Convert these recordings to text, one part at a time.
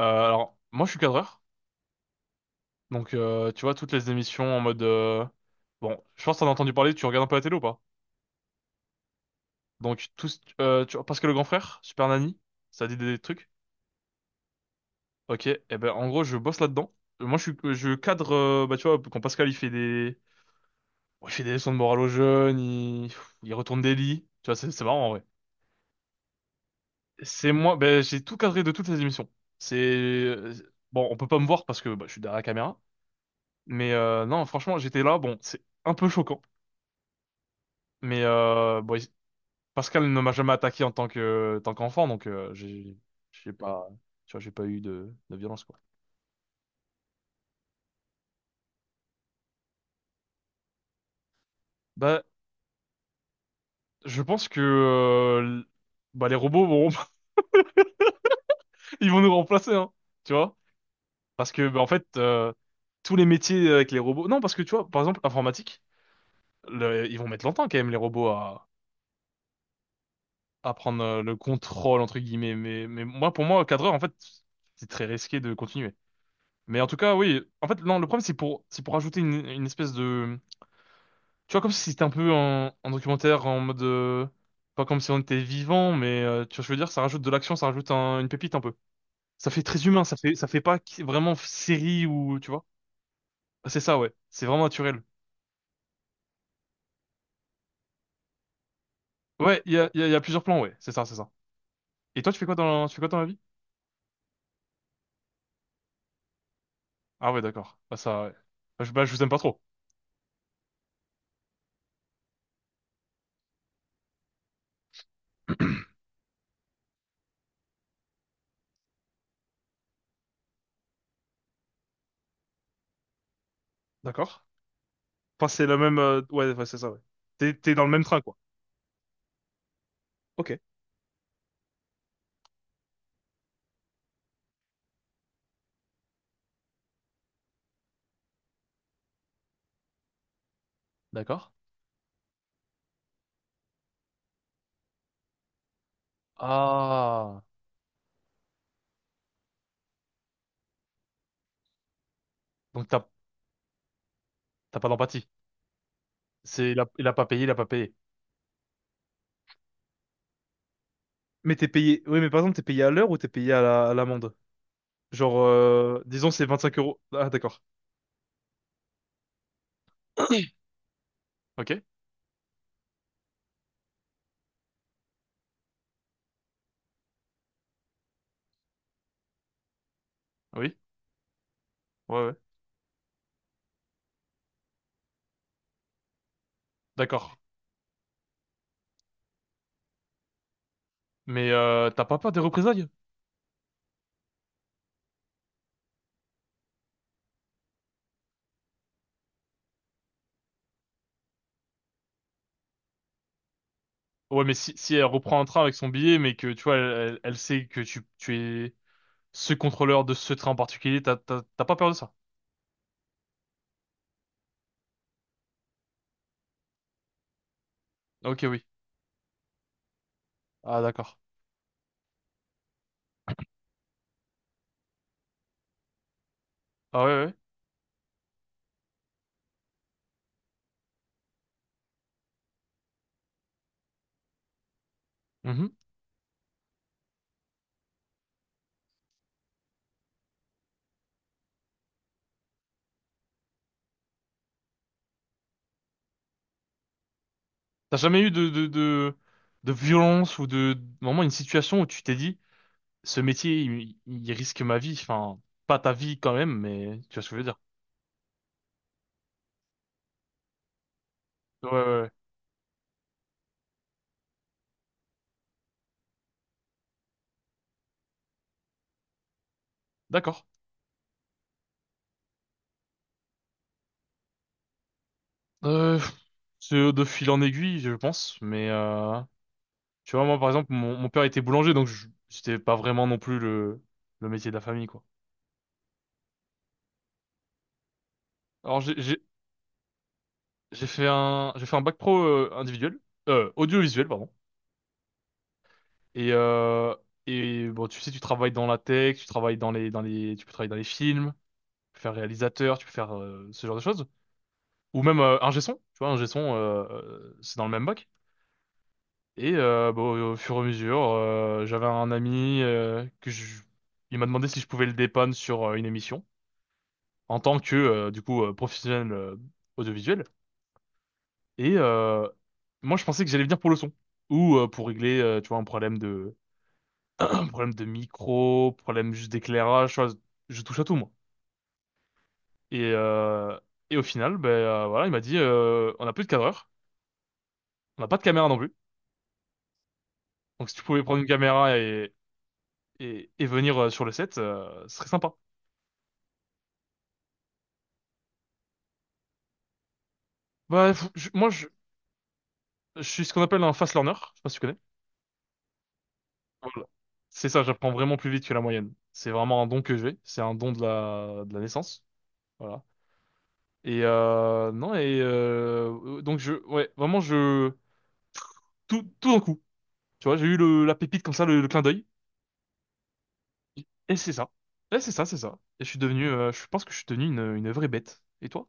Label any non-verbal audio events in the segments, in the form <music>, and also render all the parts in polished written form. Moi, je suis cadreur. Donc, tu vois, toutes les émissions en mode. Bon, je pense que t'en as entendu parler, tu regardes un peu la télé ou pas? Donc, tous, tu vois, parce que le grand frère, Super Nanny, ça dit des trucs. Ok, et ben, en gros, je bosse là-dedans. Moi, je cadre, bah, tu vois, quand Pascal, il fait des. Bon, il fait des leçons de morale aux jeunes, il retourne des lits. Tu vois, c'est marrant, en vrai. C'est moi, ben, j'ai tout cadré de toutes les émissions. C'est... euh, Bon, on peut pas me voir parce que bah, je suis derrière la caméra. Mais non, franchement, j'étais là, bon, c'est un peu choquant. Mais Pascal ne m'a jamais attaqué en tant que tant qu'enfant, donc j'ai pas, tu vois, j'ai pas eu de violence quoi. Bah je pense que bah les robots vont <laughs> ils vont nous remplacer hein, tu vois? Parce que bah, en fait, tous les métiers avec les robots, non, parce que tu vois, par exemple informatique, ils vont mettre longtemps quand même les robots à prendre le contrôle entre guillemets, mais moi, pour moi cadreur en fait c'est très risqué de continuer. Mais en tout cas oui, en fait non, le problème c'est pour, c'est pour ajouter une espèce de... Tu vois, comme si c'était un peu un documentaire en mode. Pas comme si on était vivant, mais tu vois, je veux dire, ça rajoute de l'action, ça rajoute une pépite un peu. Ça fait très humain, ça fait pas vraiment série ou... Tu vois? C'est ça, ouais. C'est vraiment naturel. Ouais, il y a plusieurs plans, ouais. C'est ça, c'est ça. Et toi, tu fais quoi dans la vie? Ah ouais, d'accord. Bah ça, ouais. Bah, je vous aime pas trop. <clears throat> D'accord. Enfin, c'est la même. Ouais, ouais, c'est ça, ouais. T'es dans le même train, quoi. Ok. D'accord. Ah. Donc t'as, t'as pas d'empathie. C'est, il a pas payé, il a pas payé. Mais t'es payé. Oui, mais par exemple, t'es payé à l'heure ou t'es payé à l'amende? Genre, disons, c'est 25 euros. Ah, d'accord. Ok? Oui? Ouais, ouais. D'accord. Mais t'as pas peur des représailles? Ouais, mais si, si elle reprend un train avec son billet, mais que tu vois, elle sait que tu es ce contrôleur de ce train en particulier, t'as pas peur de ça? Ok, oui. Ah, d'accord. Ah ouais, ouais. Mhm. T'as jamais eu de violence ou de, vraiment une situation où tu t'es dit, ce métier, il risque ma vie. Enfin, pas ta vie quand même, mais tu vois ce que je veux dire. Ouais, ouais, ouais. D'accord. Euh, c'est de fil en aiguille, je pense, mais tu vois, moi, par exemple, mon père était boulanger, donc c'était pas vraiment non plus le métier de la famille, quoi. Alors, j'ai fait un bac pro individuel, audiovisuel, pardon. Et, euh, et bon, tu sais, tu travailles dans la tech, tu travailles tu peux travailler dans les films, tu peux faire réalisateur, tu peux faire ce genre de choses. Ou même ingé son, tu vois, ingé son, c'est dans le même bac. Et bon, au fur et à mesure, j'avais un ami. Il m'a demandé si je pouvais le dépanner sur une émission en tant que professionnel audiovisuel. Et moi, je pensais que j'allais venir pour le son ou pour régler, tu vois, un problème de <clears throat> un problème de micro, problème juste d'éclairage, tu vois. Je touche à tout moi. Et euh, et au final, ben voilà, il m'a dit, on n'a plus de cadreur, on n'a pas de caméra non plus. Donc si tu pouvais prendre une caméra et venir sur le set, ce serait sympa. Bah, je suis ce qu'on appelle un fast learner. Je sais pas si tu connais. Voilà. C'est ça, j'apprends vraiment plus vite que la moyenne. C'est vraiment un don que j'ai. C'est un don de de la naissance. Voilà. Et non, et donc, je, ouais, vraiment, je... Tout, tout d'un coup. Tu vois, j'ai eu la pépite comme ça, le clin d'œil. Et c'est ça. Et c'est ça, c'est ça. Et je suis devenu, je pense que je suis devenu une vraie bête. Et toi?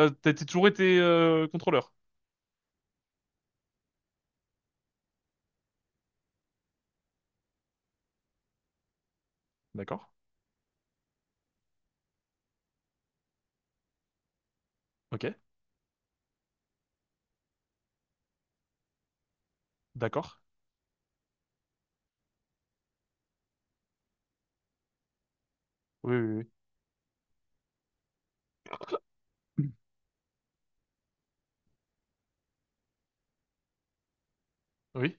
T'as toujours été contrôleur. D'accord. Ok. D'accord. Oui, oui, oui. <coughs> Oui.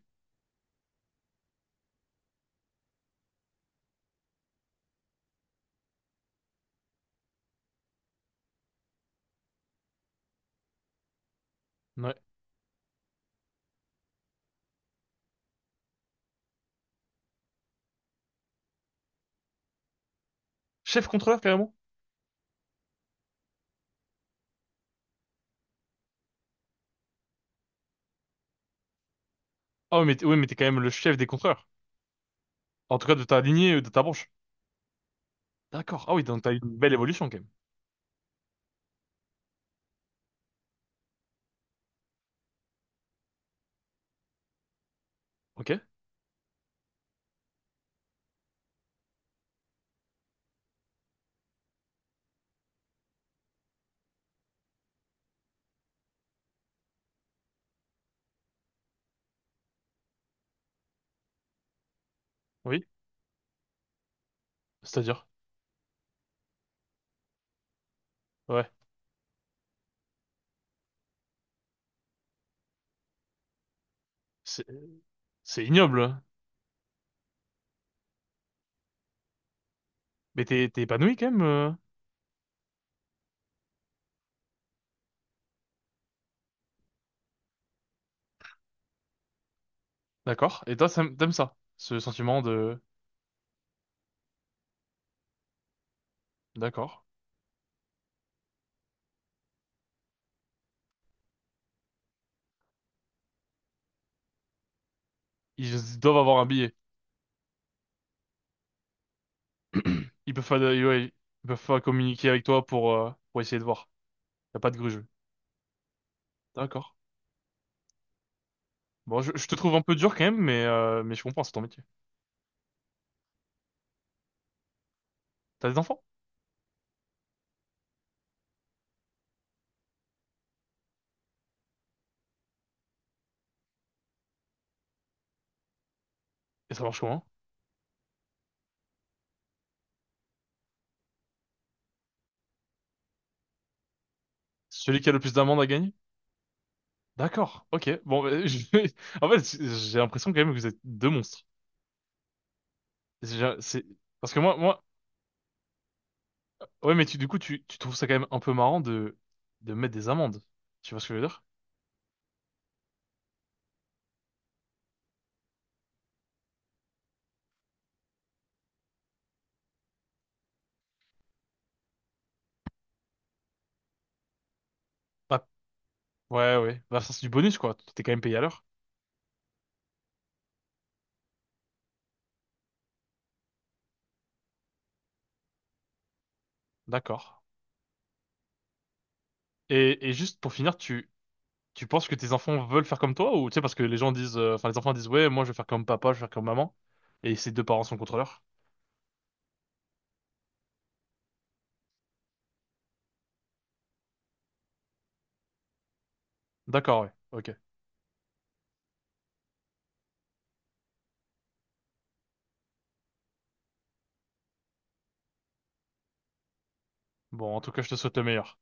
Ouais. Chef contrôleur, carrément? Ah oui, mais t'es quand même le chef des contreurs. En tout cas, de ta lignée, de ta branche. D'accord. Ah oui, donc t'as eu une belle évolution quand même. Ok. Oui. C'est-à-dire. Ouais. C'est c'est ignoble, hein. Mais t'es épanoui quand même, D'accord. Et toi, t'aimes ça, ce sentiment de... D'accord. Ils doivent avoir un billet. <clears throat> Ils peuvent pas, ouais, ils peuvent pas communiquer avec toi pour essayer de voir. Y a pas de grugeux. D'accord. Bon, je te trouve un peu dur quand même, mais je comprends, c'est ton métier. T'as des enfants? Et ça marche comment? Celui qui a le plus d'amendes à gagner? D'accord, ok. Bon, bah, je <laughs> en fait, j'ai l'impression quand même que vous êtes deux monstres. C'est, c'est- parce que moi, moi, ouais, mais tu, du coup, tu trouves ça quand même un peu marrant de mettre des amendes. Tu vois ce que je veux dire? Bah, ouais, ouais. Bah, ça, c'est du bonus, quoi. T'es quand même payé à l'heure. D'accord. Et juste pour finir, tu penses que tes enfants veulent faire comme toi ou tu sais, parce que les gens disent, enfin, les enfants disent, ouais, moi, je vais faire comme papa, je vais faire comme maman. Et ses deux parents sont contrôleurs. D'accord, ouais. Ok. Bon, en tout cas, je te souhaite le meilleur.